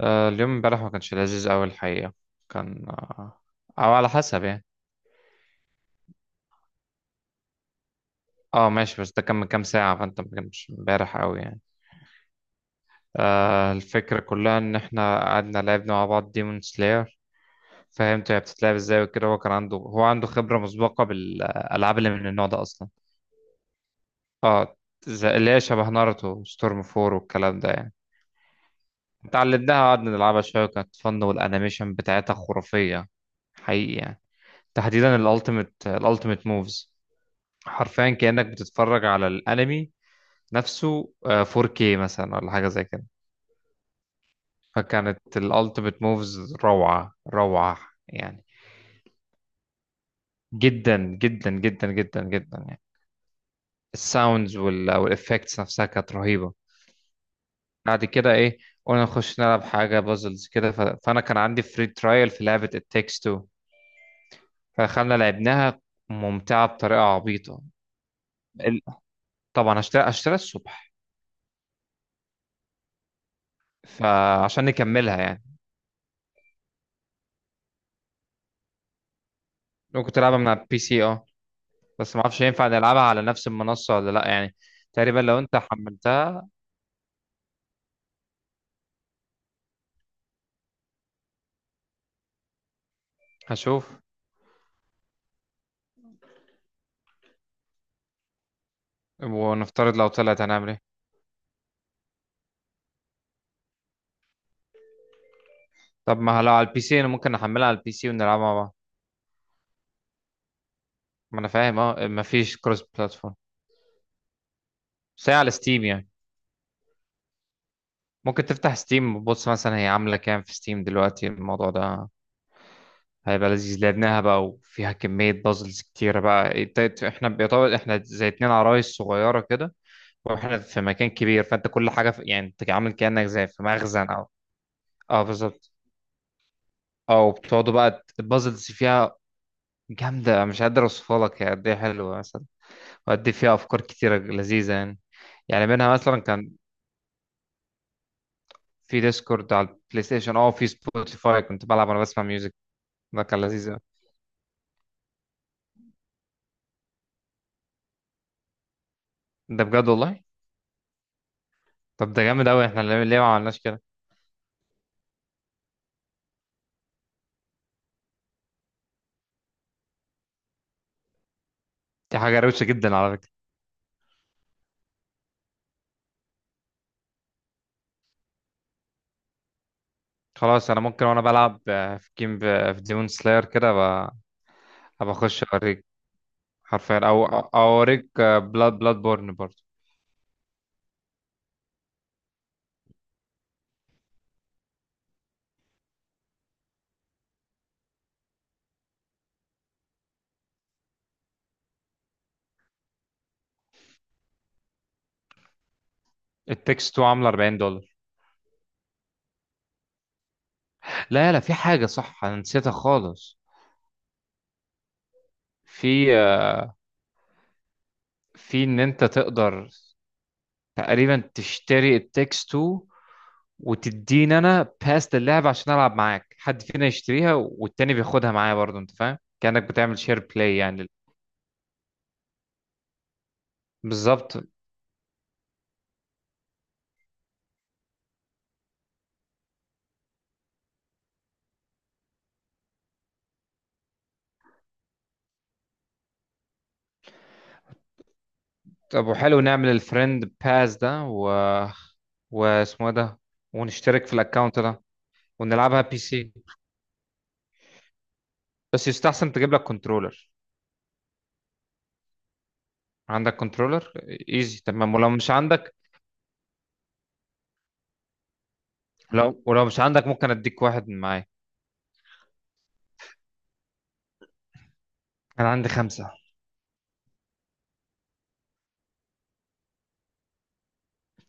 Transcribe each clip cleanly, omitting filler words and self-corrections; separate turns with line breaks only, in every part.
اليوم امبارح ما كانش لذيذ قوي الحقيقة. كان آه، او على حسب يعني. اه ماشي، بس ده كان من كام ساعة فانت ما كانش امبارح قوي يعني. آه الفكرة كلها ان احنا قعدنا لعبنا مع بعض ديمون سلاير. فهمت هي بتتلعب ازاي وكده، هو عنده خبرة مسبقة بالالعاب اللي من النوع ده اصلا. اه اللي هي شبه ناروتو ستورم فور والكلام ده يعني. اتعلمناها، قعدنا نلعبها شوية وكانت فن، والانيميشن بتاعتها خرافية حقيقي يعني. تحديدا الالتيميت موفز، حرفيا كأنك بتتفرج على الانمي نفسه، 4K مثلا ولا حاجة زي كده. فكانت الالتيميت موفز روعة روعة يعني، جدا جدا جدا جدا جدا يعني. الساوندز والافكتس نفسها كانت رهيبة. بعد كده ايه، قلنا نخش نلعب حاجة بازلز كده، فانا كان عندي فري ترايل في لعبة التكست 2. فدخلنا لعبناها، ممتعة بطريقة عبيطة. ال- طبعا هشتري الصبح، فعشان نكملها يعني. ممكن تلعبها من على البي سي اه. بس ما اعرفش ينفع نلعبها على نفس المنصة ولا لا يعني. تقريبا لو انت حملتها. هشوف، ونفترض لو طلعت هنعمل ايه. طب ما لو على البي سي انا ممكن احملها على البي سي ونلعبها مع بعض. ما انا فاهم اه، ما فيش كروس بلاتفورم، بس هي على ستيم يعني. ممكن تفتح ستيم وتبص مثلا هي عاملة كام في ستيم دلوقتي. الموضوع ده هيبقى لذيذ. لعبناها بقى وفيها كمية بازلز كتيرة بقى. احنا بيطول، احنا زي 2 عرايس صغيرة كده واحنا في مكان كبير. فانت كل حاجة في... يعني انت عامل كأنك زي في مخزن او... اه بالظبط. او بتقعدوا بقى، البازلز فيها جامدة، مش قادر اوصفها لك هي قد ايه حلوة مثلا، وقد ايه فيها افكار كتيرة لذيذة يعني. يعني منها مثلا كان في ديسكورد على البلاي ستيشن اه، في سبوتيفاي كنت بلعب وانا بسمع ميوزك. ده كان لذيذ أوي. ده بجد والله. طب ده جامد قوي، احنا ليه ما عملناش كده. دي حاجة روشة جدا على فكرة. خلاص انا ممكن وانا بلعب في جيم، في ديمون سلاير كده، هبقى اخش اوريك. حرفيا او اوريك. بلاد بورن برضه. التكست عامله $40. لا لا، في حاجة صح أنا نسيتها خالص. في في إن أنت تقدر تقريبا تشتري التكست 2 وتديني أنا باس اللعبة عشان ألعب معاك، حد فينا يشتريها والتاني بياخدها معايا برضه، أنت فاهم، كأنك بتعمل شير بلاي يعني. بالظبط. طب وحلو نعمل الفريند باس ده، و واسمه إيه ده، ونشترك في الأكونت ده ونلعبها بي سي. بس يستحسن تجيب لك كنترولر. عندك كنترولر، ايزي تمام. ولو مش عندك، ولو مش عندك ممكن اديك واحد من معايا. انا عندي 5: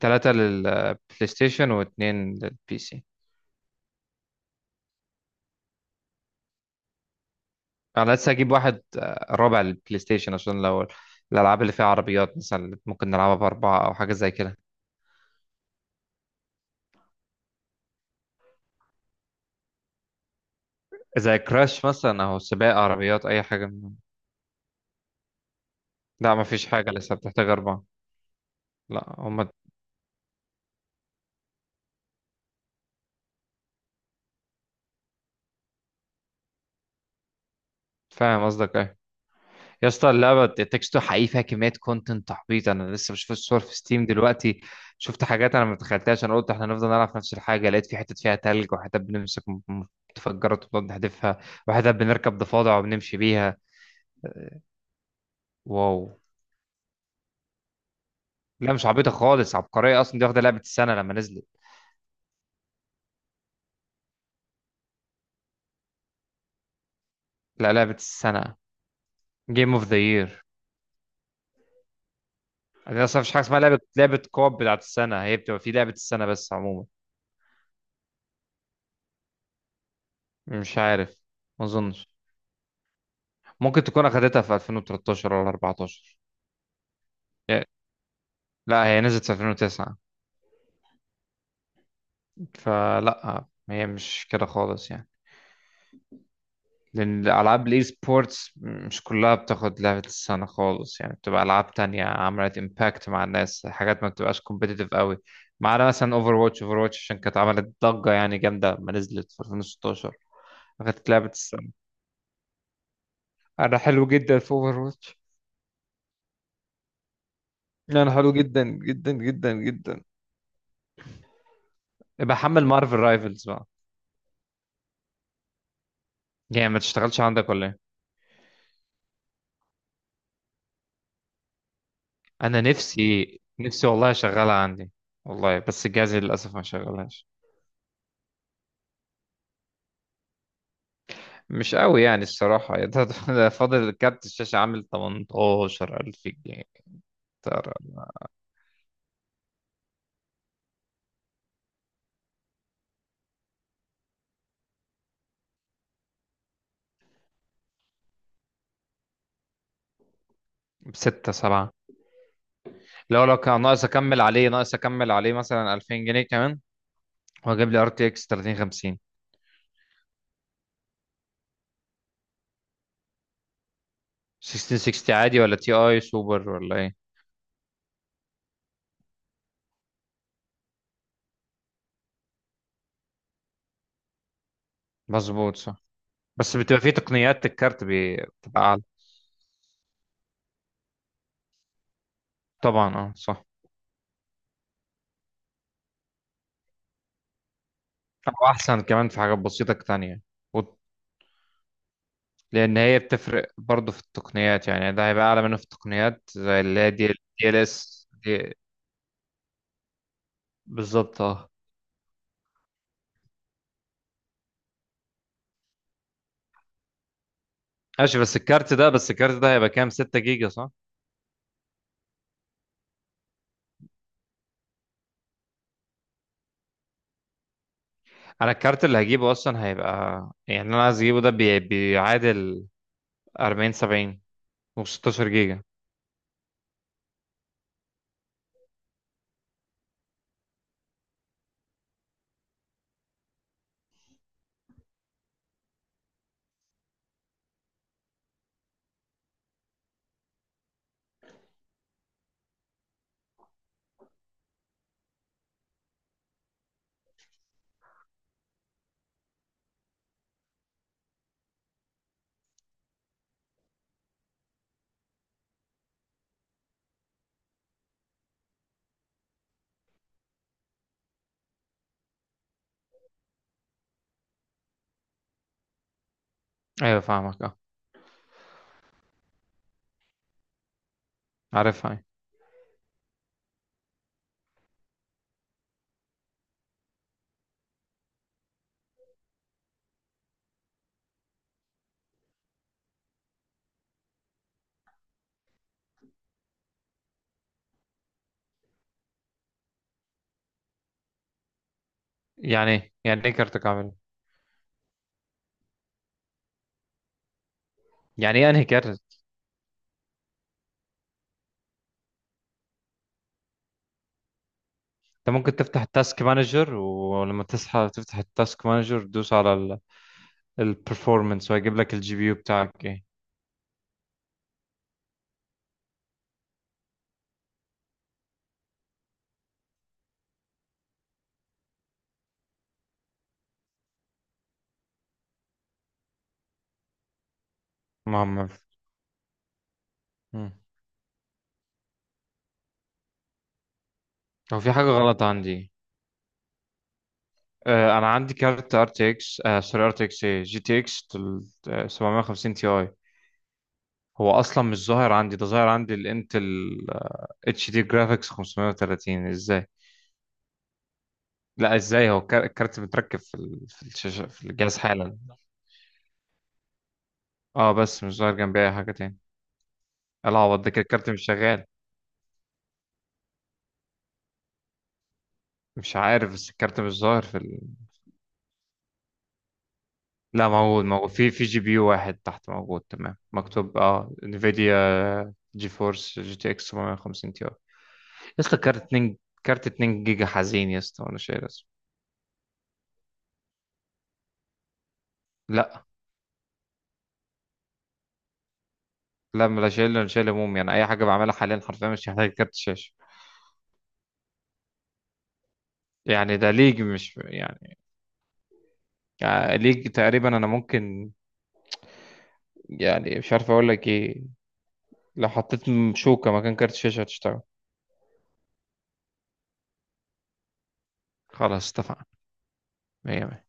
3 للبلاي ستيشن واثنين للبي سي. انا لسه هجيب واحد رابع للبلاي ستيشن عشان لو الالعاب اللي فيها عربيات مثلا اللي ممكن نلعبها باربعة او حاجة زي كده، زي كراش مثلا او سباق عربيات، اي حاجة من... لا مفيش حاجة لسه بتحتاج 4. لا هما. فاهم قصدك إيه؟ يا اسطى اللعبة تكستو حقيقي فيها كمية كونتنت تحبيط. أنا لسه بشوف الصور في ستيم دلوقتي، شفت حاجات أنا ما تخيلتهاش. أنا قلت إحنا هنفضل نلعب في نفس الحاجة، لقيت في حتت فيها تلج، وحتت بنمسك متفجرات وبنقعد نحدفها، وحتت بنركب ضفادع وبنمشي بيها. واو. لا مش عبيطة خالص، عبقرية أصلا، دي واخدة لعبة السنة لما نزلت. لا لعبة السنة، جيم اوف ذا يير. أنا أصلا مفيش حاجة اسمها لعبة كوب بتاعت السنة، هي بتبقى في لعبة السنة بس عموما. مش عارف، ما أظنش، ممكن تكون أخدتها في 2013 ولا 14. لا هي نزلت في 2009، فلا هي مش كده خالص يعني. لأن ألعاب الإي سبورتس مش كلها بتاخد لعبة السنة خالص يعني، بتبقى ألعاب تانية عملت إمباكت مع الناس، حاجات ما بتبقاش كومبيتيتيف قوي. ما عدا مثلا أوفر واتش عشان كانت عملت ضجة يعني جامدة لما نزلت في 2016، أخدت لعبة السنة. أنا حلو جدا في أوفر واتش. أنا حلو جدا جدا جدا جدا. بحمل مارفل رايفلز بقى. يعني ما تشتغلش عندك ولا إيه؟ انا نفسي نفسي والله اشغلها عندي والله، بس جهازي للاسف ما شغلهاش. مش قوي يعني الصراحه. ده فاضل كارت الشاشه عامل 18,000 جنيه. ترى، بستة سبعة. لو كان ناقص اكمل عليه، ناقص اكمل عليه مثلا 2000 جنيه كمان، واجيب لي ار تي اكس 3050. 6060 عادي ولا تي اي سوبر ولا ايه؟ مظبوط صح. بس بتبقى فيه تقنيات الكارت بتبقى اعلى طبعا اه صح. او احسن كمان في حاجات بسيطه تانية، لان هي بتفرق برضه في التقنيات يعني، ده هيبقى اعلى منه في التقنيات زي اللي هي دي، دي ال اس دي، بالظبط اه. ماشي بس الكارت ده، هيبقى كام، 6 جيجا صح. انا الكارت اللي هجيبه اصلا هيبقى يعني، انا عايز اجيبه ده بيعادل 40 70 و16 جيجا. ايوه فاهمك اه. عارفها أيوة. يعني ايه كارتك عامل إيه؟ يعني ايه انهي كارت. انت ممكن تفتح التاسك مانجر، ولما تصحى تفتح التاسك مانجر دوس على البرفورمانس وهيجيب لك الجي بي يو بتاعك ايه. مهم. مم. هو في حاجة غلط عندي. آه أنا عندي كارت ار تي اكس، آه سوري ار تي اكس ايه جي تي اكس 750 تي اي. هو أصلا مش ظاهر عندي، ده ظاهر عندي الانتل اتش دي جرافيكس 530 ازاي؟ لا ازاي، هو الكارت متركب في في الشاشة في الجهاز حالا. اه بس مش ظاهر جنبي أي حاجة تاني. العوض ده كده الكارت مش شغال. مش عارف، بس الكارت مش ظاهر في ال... لا موجود موجود، في جي بي يو واحد تحت موجود تمام، مكتوب اه انفيديا جي فورس جي تي اكس 750 تي. يا اسطى كارت 2 جيجا حزين يا اسطى، وانا شايل اسمه. لا لا، لا شايل، انا شايل هموم يعني. اي حاجه بعملها حاليا حرفيا مش محتاج كارت شاشه. يعني ده ليج مش يعني، يعني ليج تقريبا. انا ممكن يعني مش عارف اقول لك ايه، لو حطيت شوكه مكان كارت شاشه هتشتغل. خلاص اتفقنا. مية مية.